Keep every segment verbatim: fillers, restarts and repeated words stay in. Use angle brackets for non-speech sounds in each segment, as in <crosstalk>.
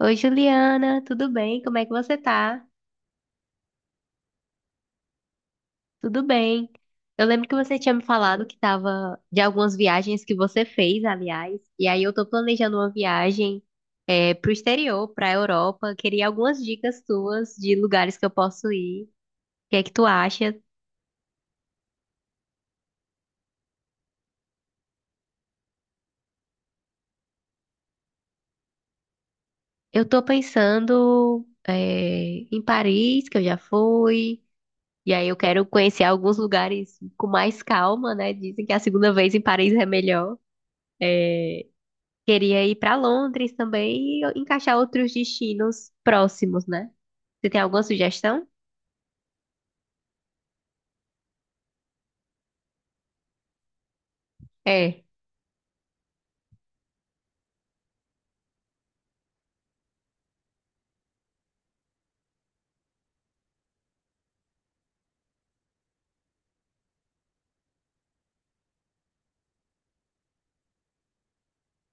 Oi, Juliana, tudo bem? Como é que você tá? Tudo bem. Eu lembro que você tinha me falado que tava de algumas viagens que você fez, aliás, e aí eu tô planejando uma viagem é, pro exterior, pra Europa. Queria algumas dicas suas de lugares que eu posso ir. O que é que tu acha? Eu tô pensando é, em Paris, que eu já fui, e aí eu quero conhecer alguns lugares com mais calma, né? Dizem que a segunda vez em Paris é melhor. É, queria ir para Londres também e encaixar outros destinos próximos, né? Você tem alguma sugestão? É,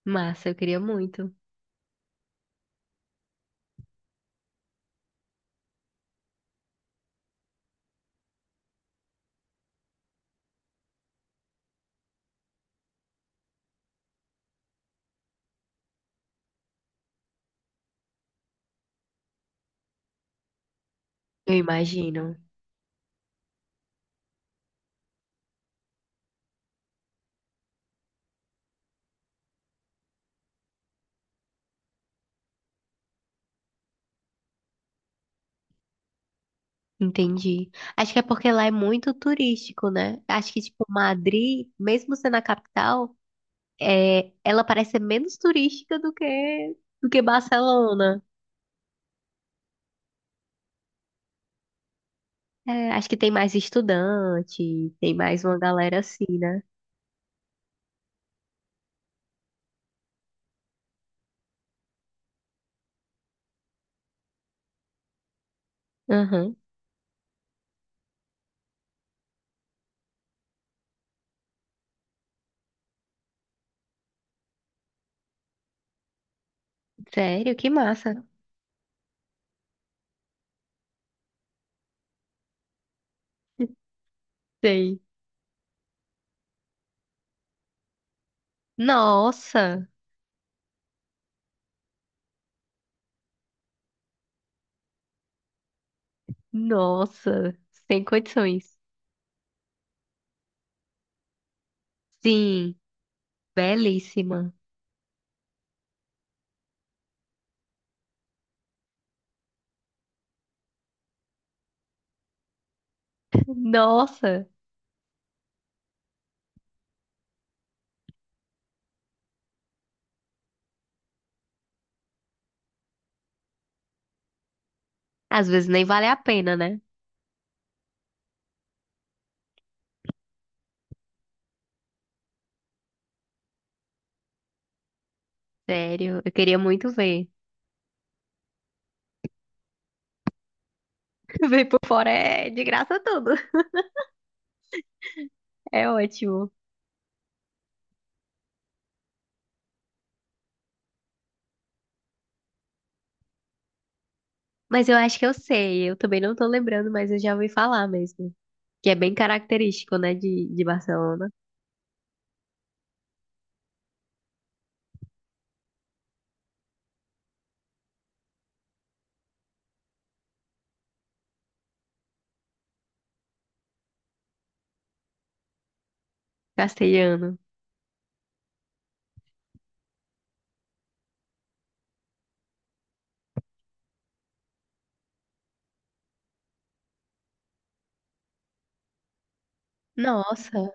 massa, eu queria muito. Eu imagino. Entendi. Acho que é porque lá é muito turístico, né? Acho que, tipo, Madrid, mesmo sendo a capital, é, ela parece ser menos turística do que, do que Barcelona. É, acho que tem mais estudante, tem mais uma galera assim, né? Aham. Sério, que massa. <laughs> Sei. Nossa! Nossa, sem condições. Sim, belíssima. Nossa, às vezes nem vale a pena, né? Sério, eu queria muito ver. <laughs> Ver por fora é de graça tudo. É ótimo. Mas eu acho que eu sei, eu também não tô lembrando, mas eu já ouvi falar mesmo. Que é bem característico, né, de, de Barcelona. Castelhano. Nossa,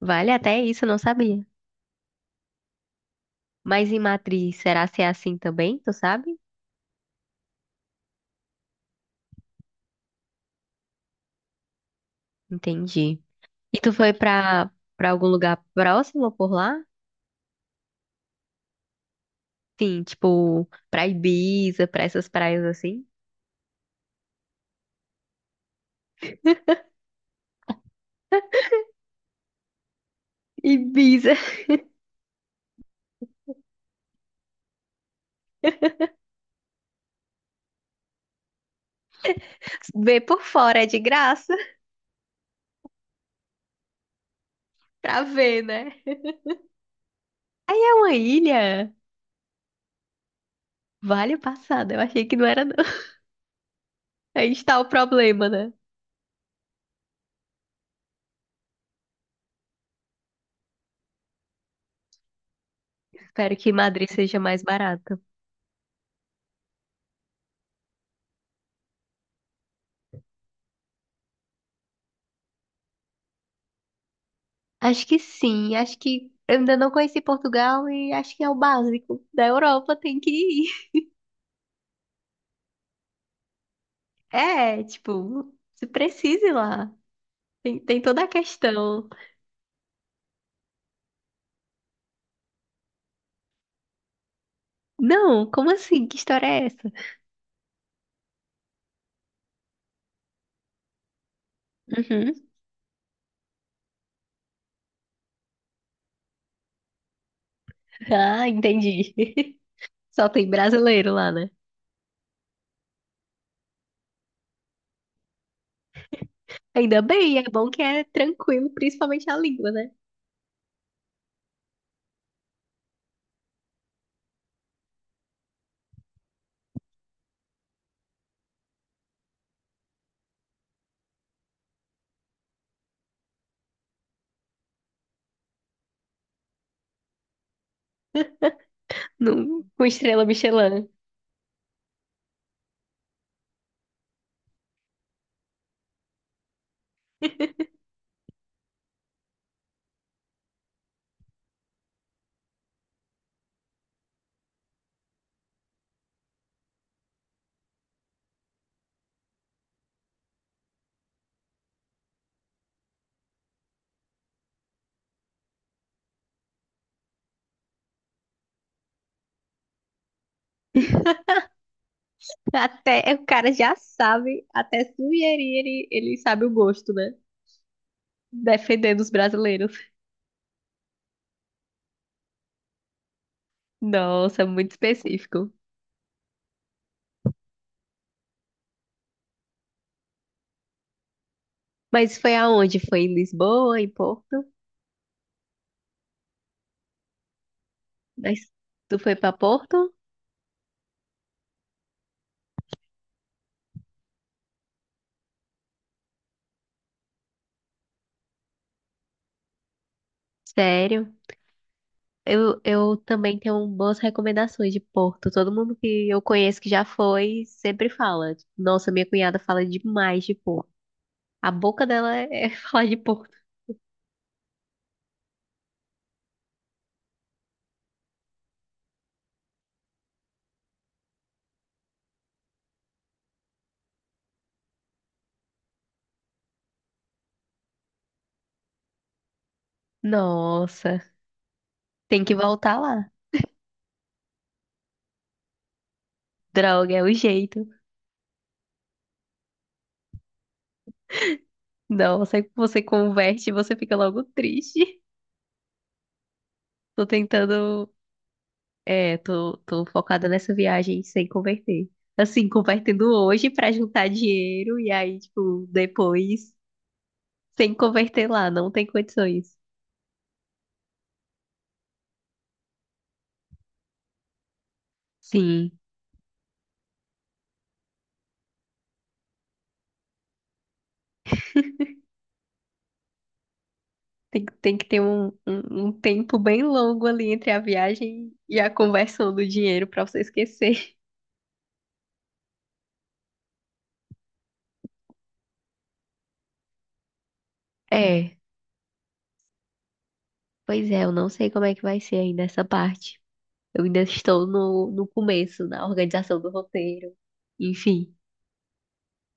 vale até isso, eu não sabia. Mas em Matriz, será se é assim também? Tu sabe? Entendi. E tu foi pra, pra algum lugar próximo por lá? Sim, tipo, pra Ibiza, pra essas praias assim. <laughs> Ibiza, ver por fora é de graça, pra ver, né? É uma ilha. Vale o passado, eu achei que não era não. <laughs> Aí está o problema, né? Espero que Madrid seja mais barato. Acho que sim, acho que eu ainda não conheci Portugal e acho que é o básico da Europa, tem que ir. É, tipo, se precise lá. Tem, tem toda a questão. Não, como assim? Que história é essa? Uhum. Ah, entendi. <laughs> Só tem brasileiro lá, né? Ainda bem, é bom que é tranquilo, principalmente a língua, né? Num, com estrela Michelin. Até é, o cara já sabe, até sugerir, ele, ele sabe o gosto, né? Defendendo os brasileiros. Nossa, muito específico. Mas foi aonde? Foi em Lisboa, em Porto? Mas tu foi pra Porto? Sério? Eu, eu também tenho boas recomendações de Porto. Todo mundo que eu conheço que já foi sempre fala. Tipo, nossa, minha cunhada fala demais de Porto. A boca dela é <laughs> falar de Porto. Nossa, tem que voltar lá. Droga, é o jeito. Nossa, aí você converte e você fica logo triste. <laughs> Tô tentando. É, tô, tô focada nessa viagem sem converter. Assim, convertendo hoje pra juntar dinheiro e aí, tipo, depois sem converter lá. Não tem condições. Sim, Tem, que- tem que ter um, um, um tempo bem longo ali entre a viagem e a conversão do dinheiro pra você esquecer. É, pois é, eu não sei como é que vai ser ainda essa parte. Eu ainda estou no, no começo, na organização do roteiro. Enfim,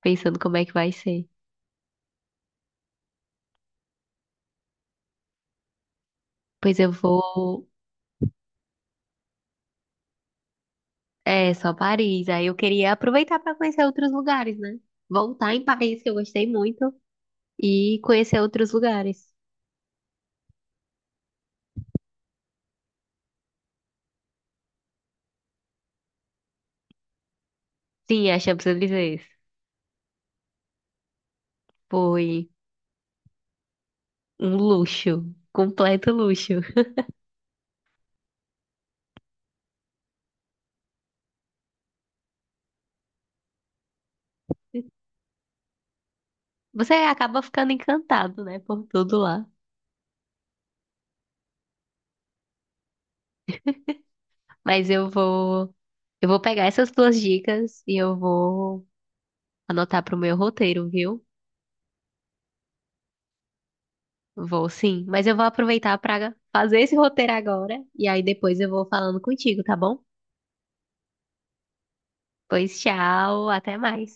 pensando como é que vai ser. Pois eu vou. É, só Paris. Aí eu queria aproveitar para conhecer outros lugares, né? Voltar em Paris, que eu gostei muito, e conhecer outros lugares. Sim, a Champs-Élysées. Foi. Um luxo, completo luxo. Você acaba ficando encantado, né, por tudo lá. Mas eu vou, eu vou pegar essas duas dicas e eu vou anotar pro meu roteiro, viu? Vou sim, mas eu vou aproveitar para fazer esse roteiro agora e aí depois eu vou falando contigo, tá bom? Pois tchau, até mais.